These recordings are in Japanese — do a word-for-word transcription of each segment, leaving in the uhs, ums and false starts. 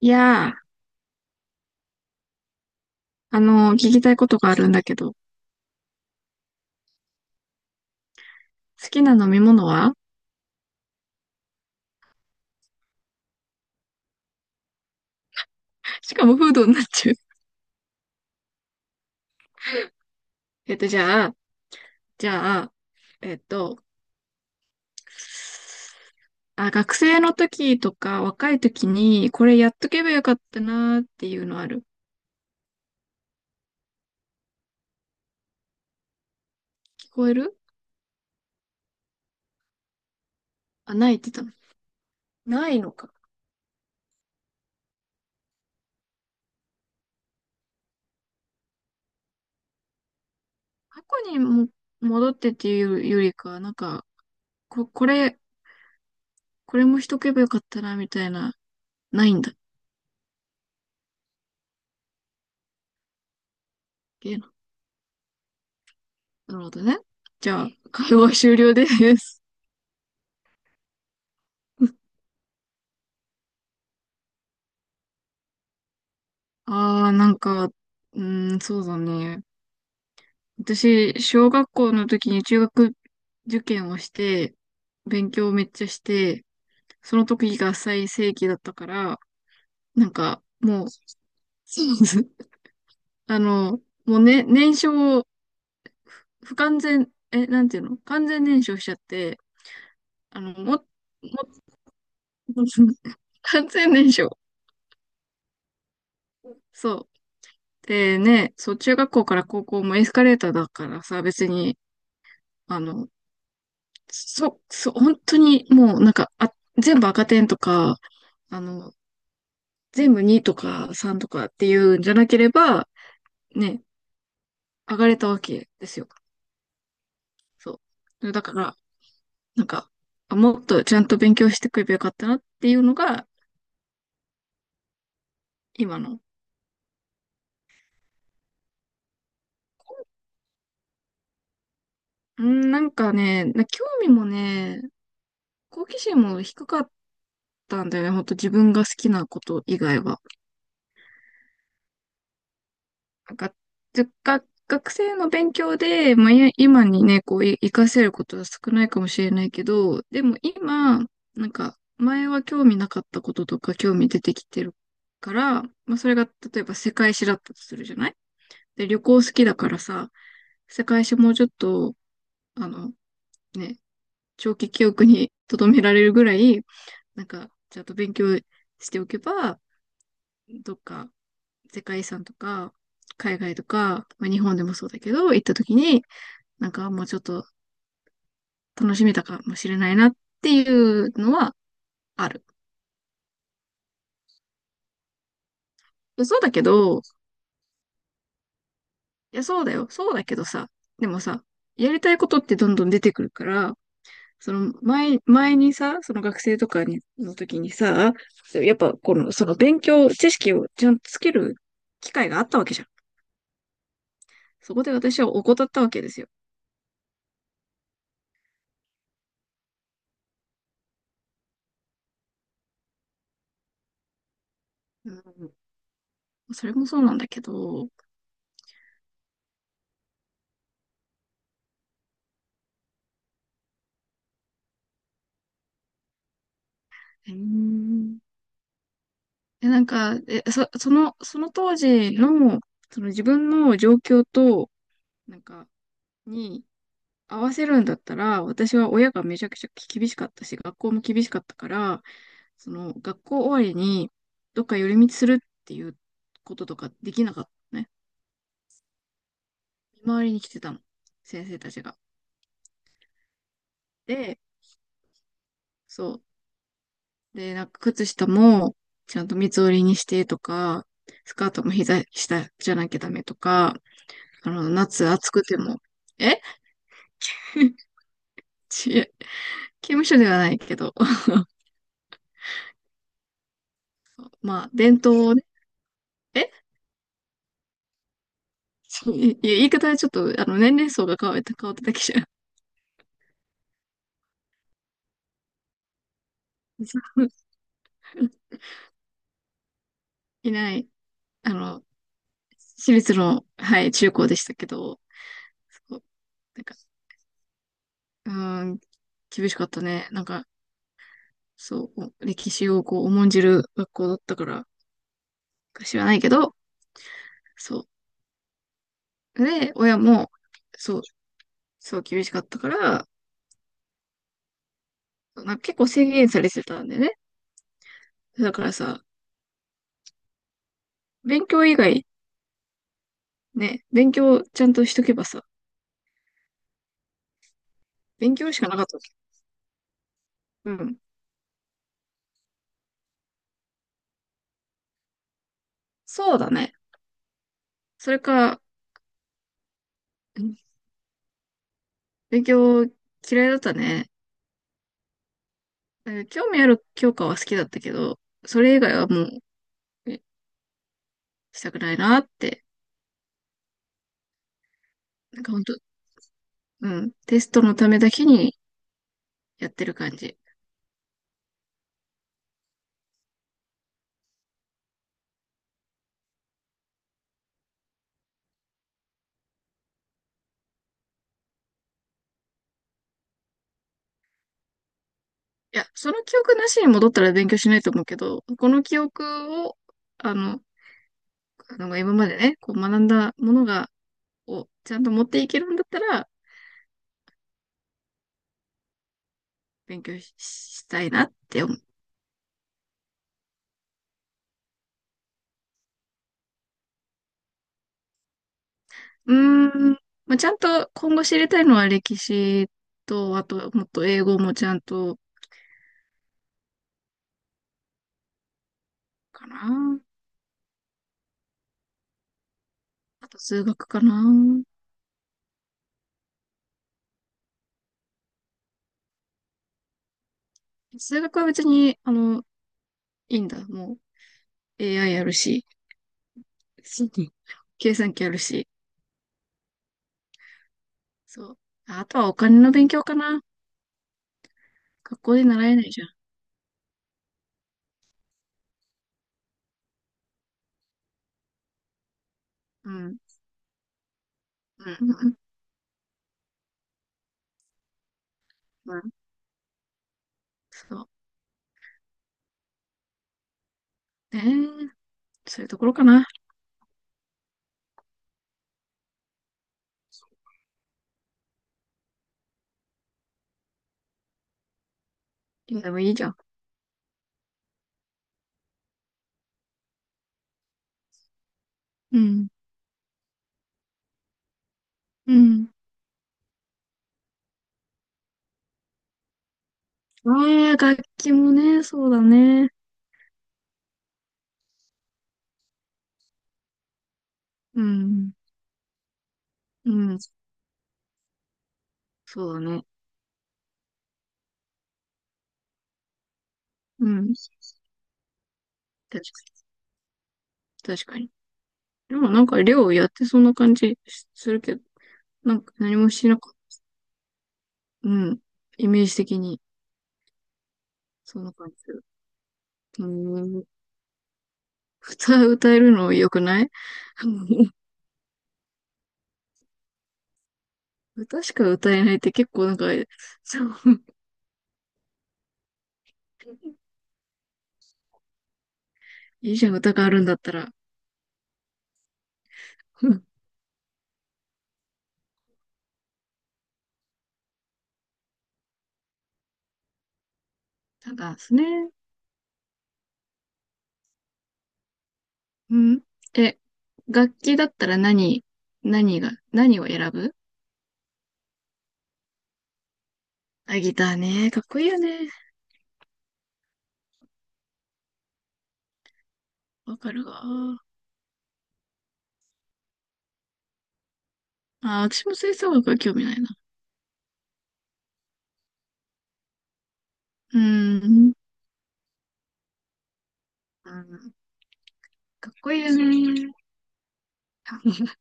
いやー、あのー聞きたいことがあるんだけど、好きな飲み物はしかもフードになっちゃう。えっと、じゃあ、じゃあ、えっと、あ、学生の時とか若い時に、これやっとけばよかったなーっていうのある？聞こえる？あ、ないって言ったの。ないのか。過去にも戻ってっていうよりか、なんか、こ、これ、これもしとけばよかったな、みたいな、ないんだ。けーなるほどね。じゃあ、会話終了です。ああ、なんか、うーん、そうだね。私、小学校の時に中学受験をして、勉強をめっちゃして、その時が最盛期だったから、なんか、もう、そうです。あの、もうね、燃焼を、不完全、え、なんていうの完全燃焼しちゃって、あの、も、も、完全燃焼。そう。でね、そう、中学校から高校もエスカレーターだからさ、別に、あの、そ、そう、本当にもうなんか、あ、全部赤点とか、あの、全部にとかさんとかっていうんじゃなければ、ね、上がれたわけですよ。そう。だから、なんか、あもっとちゃんと勉強してくればよかったなっていうのが、今の。うん、なんかね、な興味もね、好奇心も低かったんだよね。ほんと自分が好きなこと以外は。なんか、ず学学生の勉強で、まあ、い今にね、こう、い活かせることは少ないかもしれないけど、でも今、なんか、前は興味なかったこととか興味出てきてるから、まあ、それが、例えば世界史だったとするじゃない？で、旅行好きだからさ、世界史もうちょっと、あの、ね、長期記憶に留められるぐらい、なんか、ちゃんと勉強しておけば、どっか世界遺産とか、海外とか、まあ、日本でもそうだけど、行った時に、なんかもうちょっと楽しめたかもしれないなっていうのはある。そうだけど、いや、そうだよ。そうだけどさ、でもさ、やりたいことってどんどん出てくるから、その前、前にさ、その学生とかにの時にさ、やっぱこの、その勉強、知識をちゃんとつける機会があったわけじゃん。そこで私は怠ったわけですよ。うん、それもそうなんだけど、えーで、なんか、え、そ、その、その当時の、その自分の状況と、なんか、に合わせるんだったら、私は親がめちゃくちゃ厳しかったし、学校も厳しかったから、その、学校終わりに、どっか寄り道するっていうこととかできなかったのね。見回りに来てたの。先生たちが。で、そう。で、なんか靴下もちゃんと三つ折りにしてとか、スカートも膝下じゃなきゃダメとか、あの、夏暑くても、え ちえ刑務所ではないけど、まあ、伝統をね、えち いや言い方はちょっと、あの、年齢層が変わった、変わっただけじゃん、いない、あの、私立の、はい、中高でしたけど、そう。なんか、うーん、厳しかったね。なんか、そう、歴史をこう、重んじる学校だったから、か知らないけど、そう。で、親も、そう、そう厳しかったから、なんか結構制限されてたんでね。だからさ、勉強以外、ね、勉強ちゃんとしとけばさ、勉強しかなかったわけ。うん。そうだね。それか、うん、勉強嫌いだったね。えー興味ある教科は好きだったけど、それ以外はもう、えしたくないなって。なんか本当。うん。テストのためだけにやってる感じ。いや、その記憶なしに戻ったら勉強しないと思うけど、この記憶を、あの、あの今までね、こう学んだものが、をちゃんと持っていけるんだったら、勉強し、したいなって思う。うーん、まあ、ちゃんと今後知りたいのは歴史と、あと、もっと英語もちゃんと、かな。あと数学かな。数学は別に、あの、いいんだ。もう エーアイ やるし、計算機やるし、そう。あとはお金の勉強かな。学校で習えないじゃん。うん。うん。うん。うん。そう。ねえ。そういうところかな。でもいいじゃん。うん。うん。ああ、楽器もね、そうだね。うん。うん。そうだね。うん。確かに。確かに。でもなんか、寮やってそんな感じするけど、なんか何もしなかった。うん。イメージ的に、そんな感じする。うん。歌、歌えるの良くない？ 歌しか歌えないって結構なんか、そう。いいじゃん、歌があるんだったら。うん、なんか、すね。うん。え、楽器だったら何、何が、何を選ぶ？あ、ギターね。かっこいいよね。わかるわ。あ、私も吹奏楽は興味ないな。うーん。うん、かっこいいよね。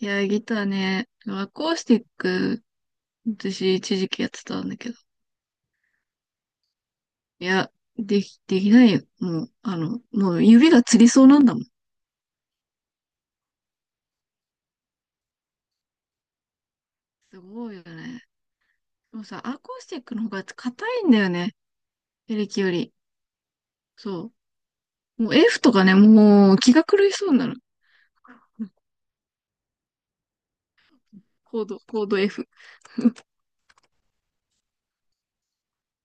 いや、ギターね。アコースティック、私一時期やってたんだけど。いや、でき、できないよ。もう、あの、もう指がつりそうなんだもん。すごいよね。でもさ、アコースティックの方が硬いんだよね。エレキより。そう。もう F とかね、もう気が狂いそうになる。コード、コード F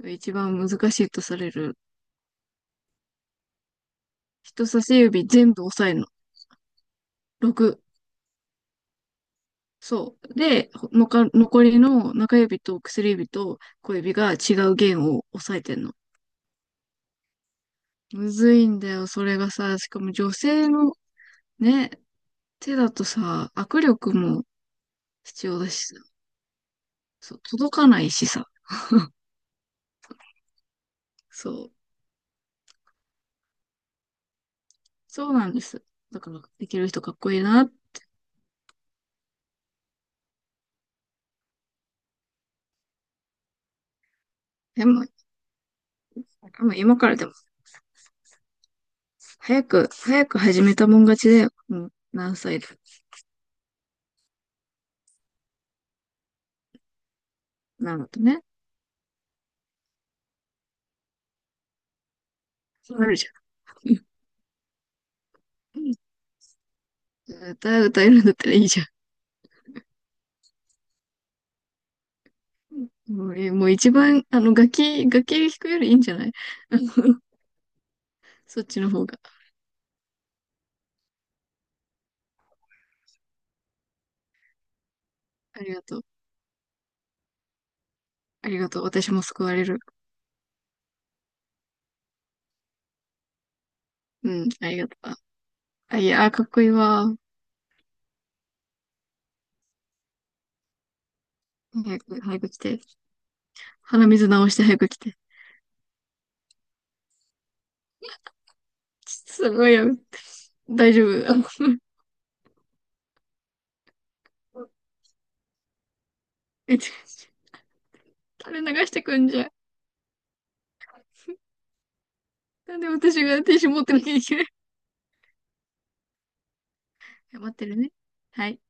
が一番難しいとされる。人差し指全部押さえるの。ろく。そう。で、のか残りの中指と薬指と小指が違う弦を押さえてんの。むずいんだよ、それがさ。しかも女性のね、手だとさ、握力も必要だしさ。そう、届かないしさ。そう。そうなんです。だから、できる人かっこいいな。でも、もう今からでも、早く、早く始めたもん勝ちだよ。もう何歳だ。なるとね。そうなるじゃん。うん、歌、歌えるんだったらいいじゃん。もう、えもう一番、あの、楽器、楽器弾くよりいいんじゃない？うん。 そっちの方が。ありがとう。ありがとう。私も救われる。うん、ありがとう。あ、いや、あかっこいいわ。早く、早く来て。鼻水直して早く来て。すごいよ。大丈夫。あの え、垂れ流してくんじゃん。なんで私がティッシュ持ってなきゃいけない？頑張ってるね。はい。